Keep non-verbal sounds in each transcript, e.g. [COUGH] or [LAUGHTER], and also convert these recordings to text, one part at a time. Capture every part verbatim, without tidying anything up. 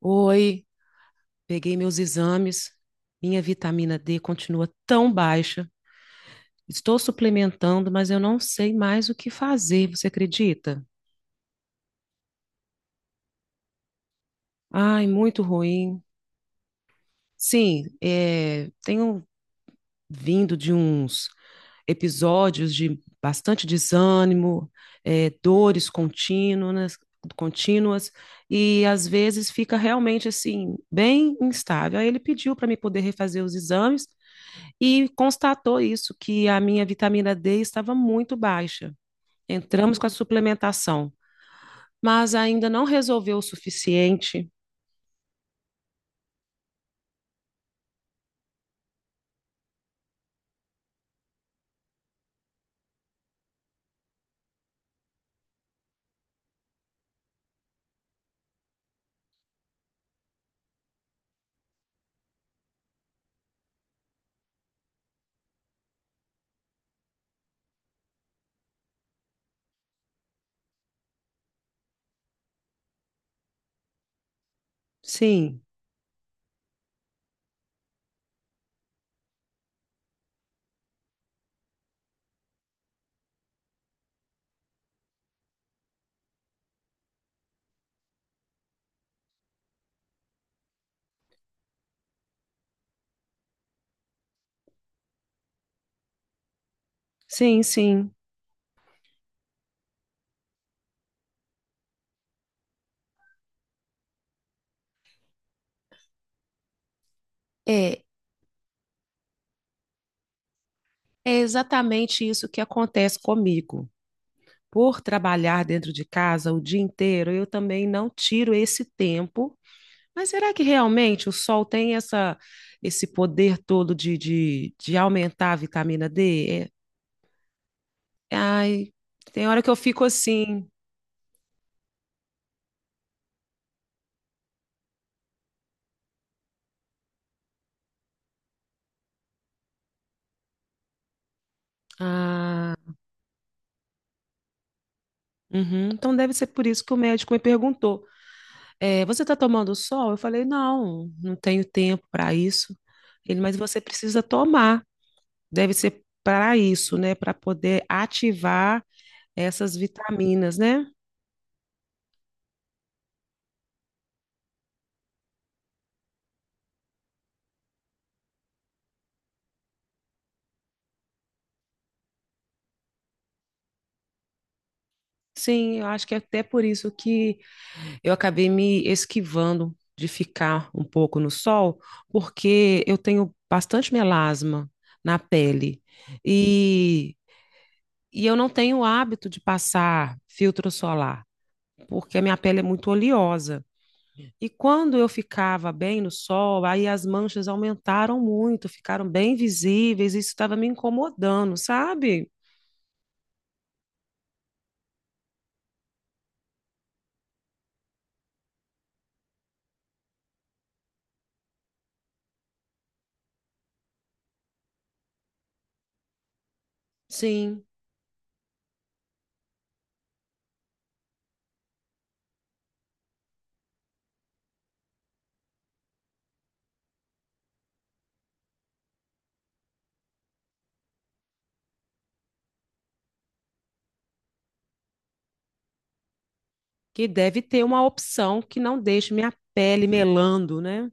Oi, peguei meus exames. Minha vitamina D continua tão baixa. Estou suplementando, mas eu não sei mais o que fazer, você acredita? Ai, muito ruim. Sim, é, tenho vindo de uns episódios de bastante desânimo, é, dores contínuas, contínuas, e às vezes fica realmente assim, bem instável. Aí ele pediu para me poder refazer os exames e constatou isso, que a minha vitamina D estava muito baixa. Entramos com a suplementação, mas ainda não resolveu o suficiente. Sim, sim, sim. É, é exatamente isso que acontece comigo. Por trabalhar dentro de casa o dia inteiro, eu também não tiro esse tempo. Mas será que realmente o sol tem essa, esse poder todo de, de, de aumentar a vitamina D? É, ai, tem hora que eu fico assim. Ah, uhum. Então deve ser por isso que o médico me perguntou: eh, você está tomando sol? Eu falei: não, não tenho tempo para isso. Ele, mas você precisa tomar, deve ser para isso, né? Para poder ativar essas vitaminas, né? Sim, eu acho que é até por isso que eu acabei me esquivando de ficar um pouco no sol, porque eu tenho bastante melasma na pele e, e eu não tenho o hábito de passar filtro solar, porque a minha pele é muito oleosa. E quando eu ficava bem no sol, aí as manchas aumentaram muito, ficaram bem visíveis, isso estava me incomodando, sabe? Sim, que deve ter uma opção que não deixe minha pele melando, né?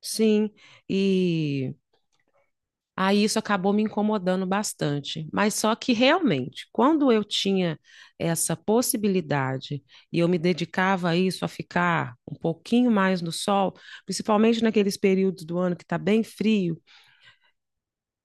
Sim, e aí isso acabou me incomodando bastante. Mas só que realmente, quando eu tinha essa possibilidade e eu me dedicava a isso, a ficar um pouquinho mais no sol, principalmente naqueles períodos do ano que está bem frio,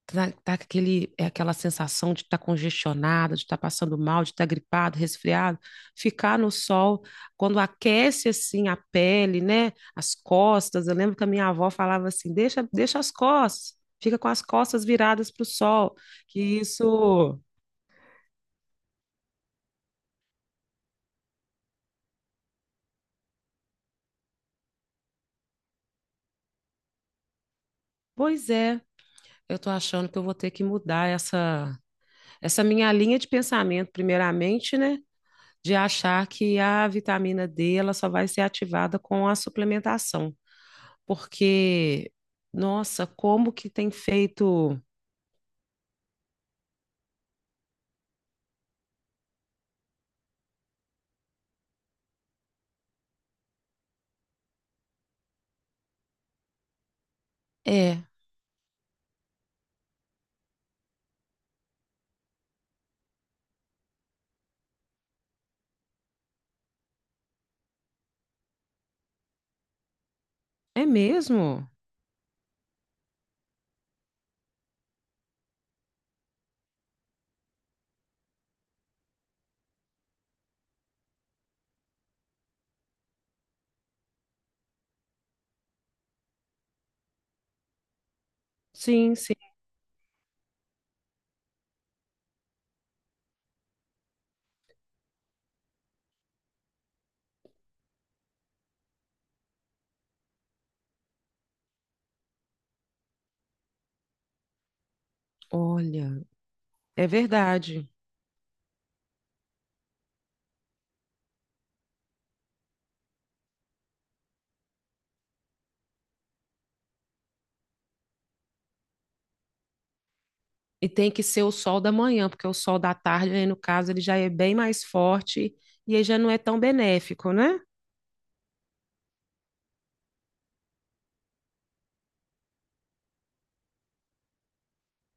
tá, tá aquele, é aquela sensação de estar tá congestionada, de estar tá passando mal, de estar tá gripado, resfriado, ficar no sol, quando aquece assim a pele, né, as costas, eu lembro que a minha avó falava assim, deixa, deixa as costas, fica com as costas viradas para o sol, que isso, pois é, eu estou achando que eu vou ter que mudar essa, essa minha linha de pensamento, primeiramente, né, de achar que a vitamina D ela só vai ser ativada com a suplementação. Porque, nossa, como que tem feito. É, é mesmo? Sim, sim. Olha, é verdade. E tem que ser o sol da manhã, porque o sol da tarde, aí no caso, ele já é bem mais forte e aí já não é tão benéfico, né?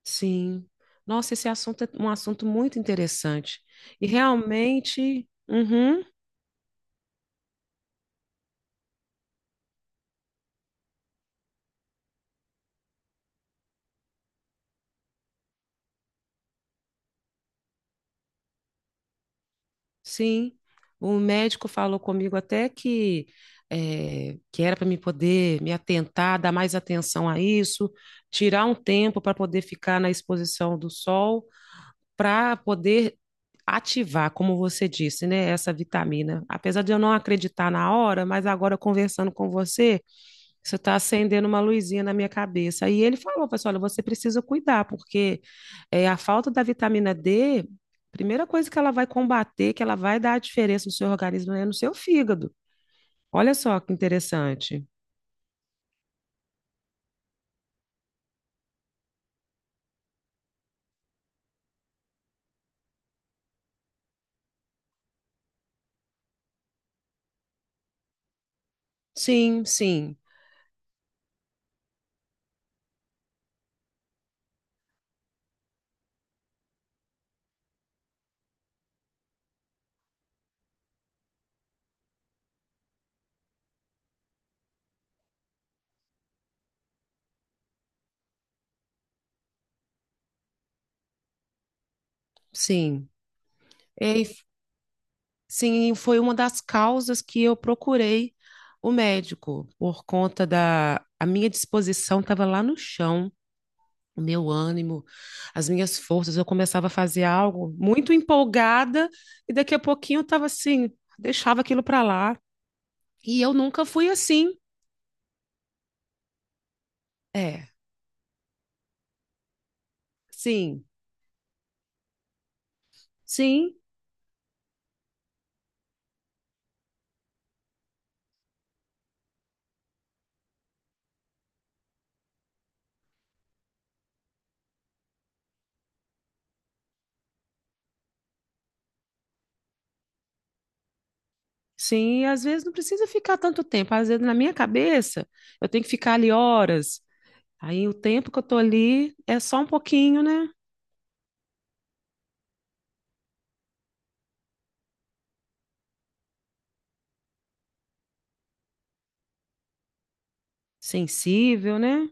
Sim. Nossa, esse assunto é um assunto muito interessante. E realmente, uhum. Sim, o médico falou comigo até que eh, que era para me poder me atentar, dar mais atenção a isso, tirar um tempo para poder ficar na exposição do sol, para poder ativar, como você disse, né, essa vitamina. Apesar de eu não acreditar na hora, mas agora conversando com você, isso está acendendo uma luzinha na minha cabeça. Aí ele falou, pessoal, olha, você precisa cuidar, porque é, a falta da vitamina D, primeira coisa que ela vai combater, que ela vai dar a diferença no seu organismo, é no seu fígado. Olha só que interessante. Sim, sim, sim. Ei, sim, foi uma das causas que eu procurei o médico, por conta da a minha disposição estava lá no chão, o meu ânimo, as minhas forças. Eu começava a fazer algo muito empolgada e daqui a pouquinho eu estava assim, deixava aquilo para lá. E eu nunca fui assim. É, sim, sim, sim. E às vezes não precisa ficar tanto tempo. Às vezes na minha cabeça eu tenho que ficar ali horas. Aí o tempo que eu tô ali é só um pouquinho, né? Sensível, né?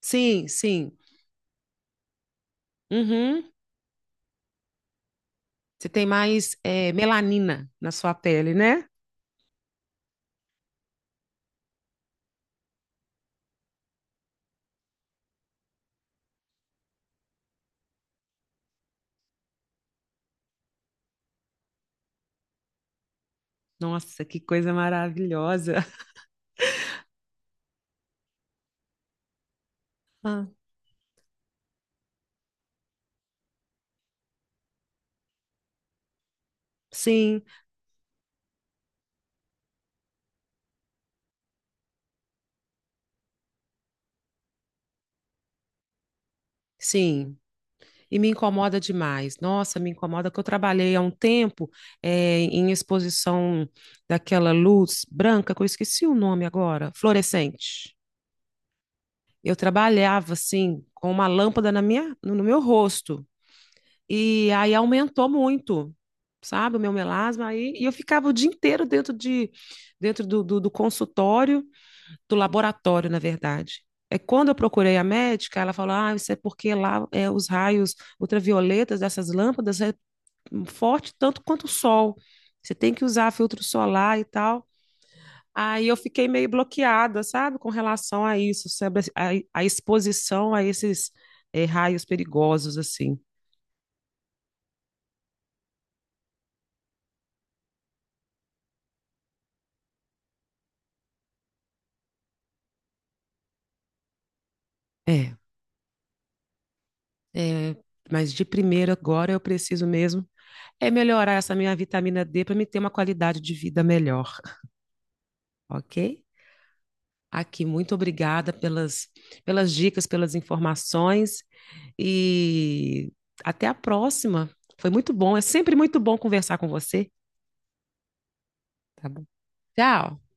Sim, sim. Uhum. Você tem mais eh, melanina na sua pele, né? Nossa, que coisa maravilhosa. [LAUGHS] Ah, sim, sim. E me incomoda demais. Nossa, me incomoda que eu trabalhei há um tempo eh, em exposição daquela luz branca, que eu esqueci o nome agora, fluorescente. Eu trabalhava assim com uma lâmpada na minha, no no meu rosto. E aí aumentou muito, sabe, o meu melasma. Aí, e eu ficava o dia inteiro dentro de, dentro do, do, do consultório, do laboratório, na verdade. É quando eu procurei a médica, ela falou: Ah, isso é porque lá é, os raios ultravioletas dessas lâmpadas é forte tanto quanto o sol. Você tem que usar filtro solar e tal. Aí eu fiquei meio bloqueada, sabe, com relação a isso, sobre a, a exposição a esses eh, raios perigosos, assim. É. É, mas de primeiro agora eu preciso mesmo é melhorar essa minha vitamina D para me ter uma qualidade de vida melhor, ok? Aqui, muito obrigada pelas, pelas dicas, pelas informações e até a próxima. Foi muito bom, é sempre muito bom conversar com você. Tá bom. Tchau.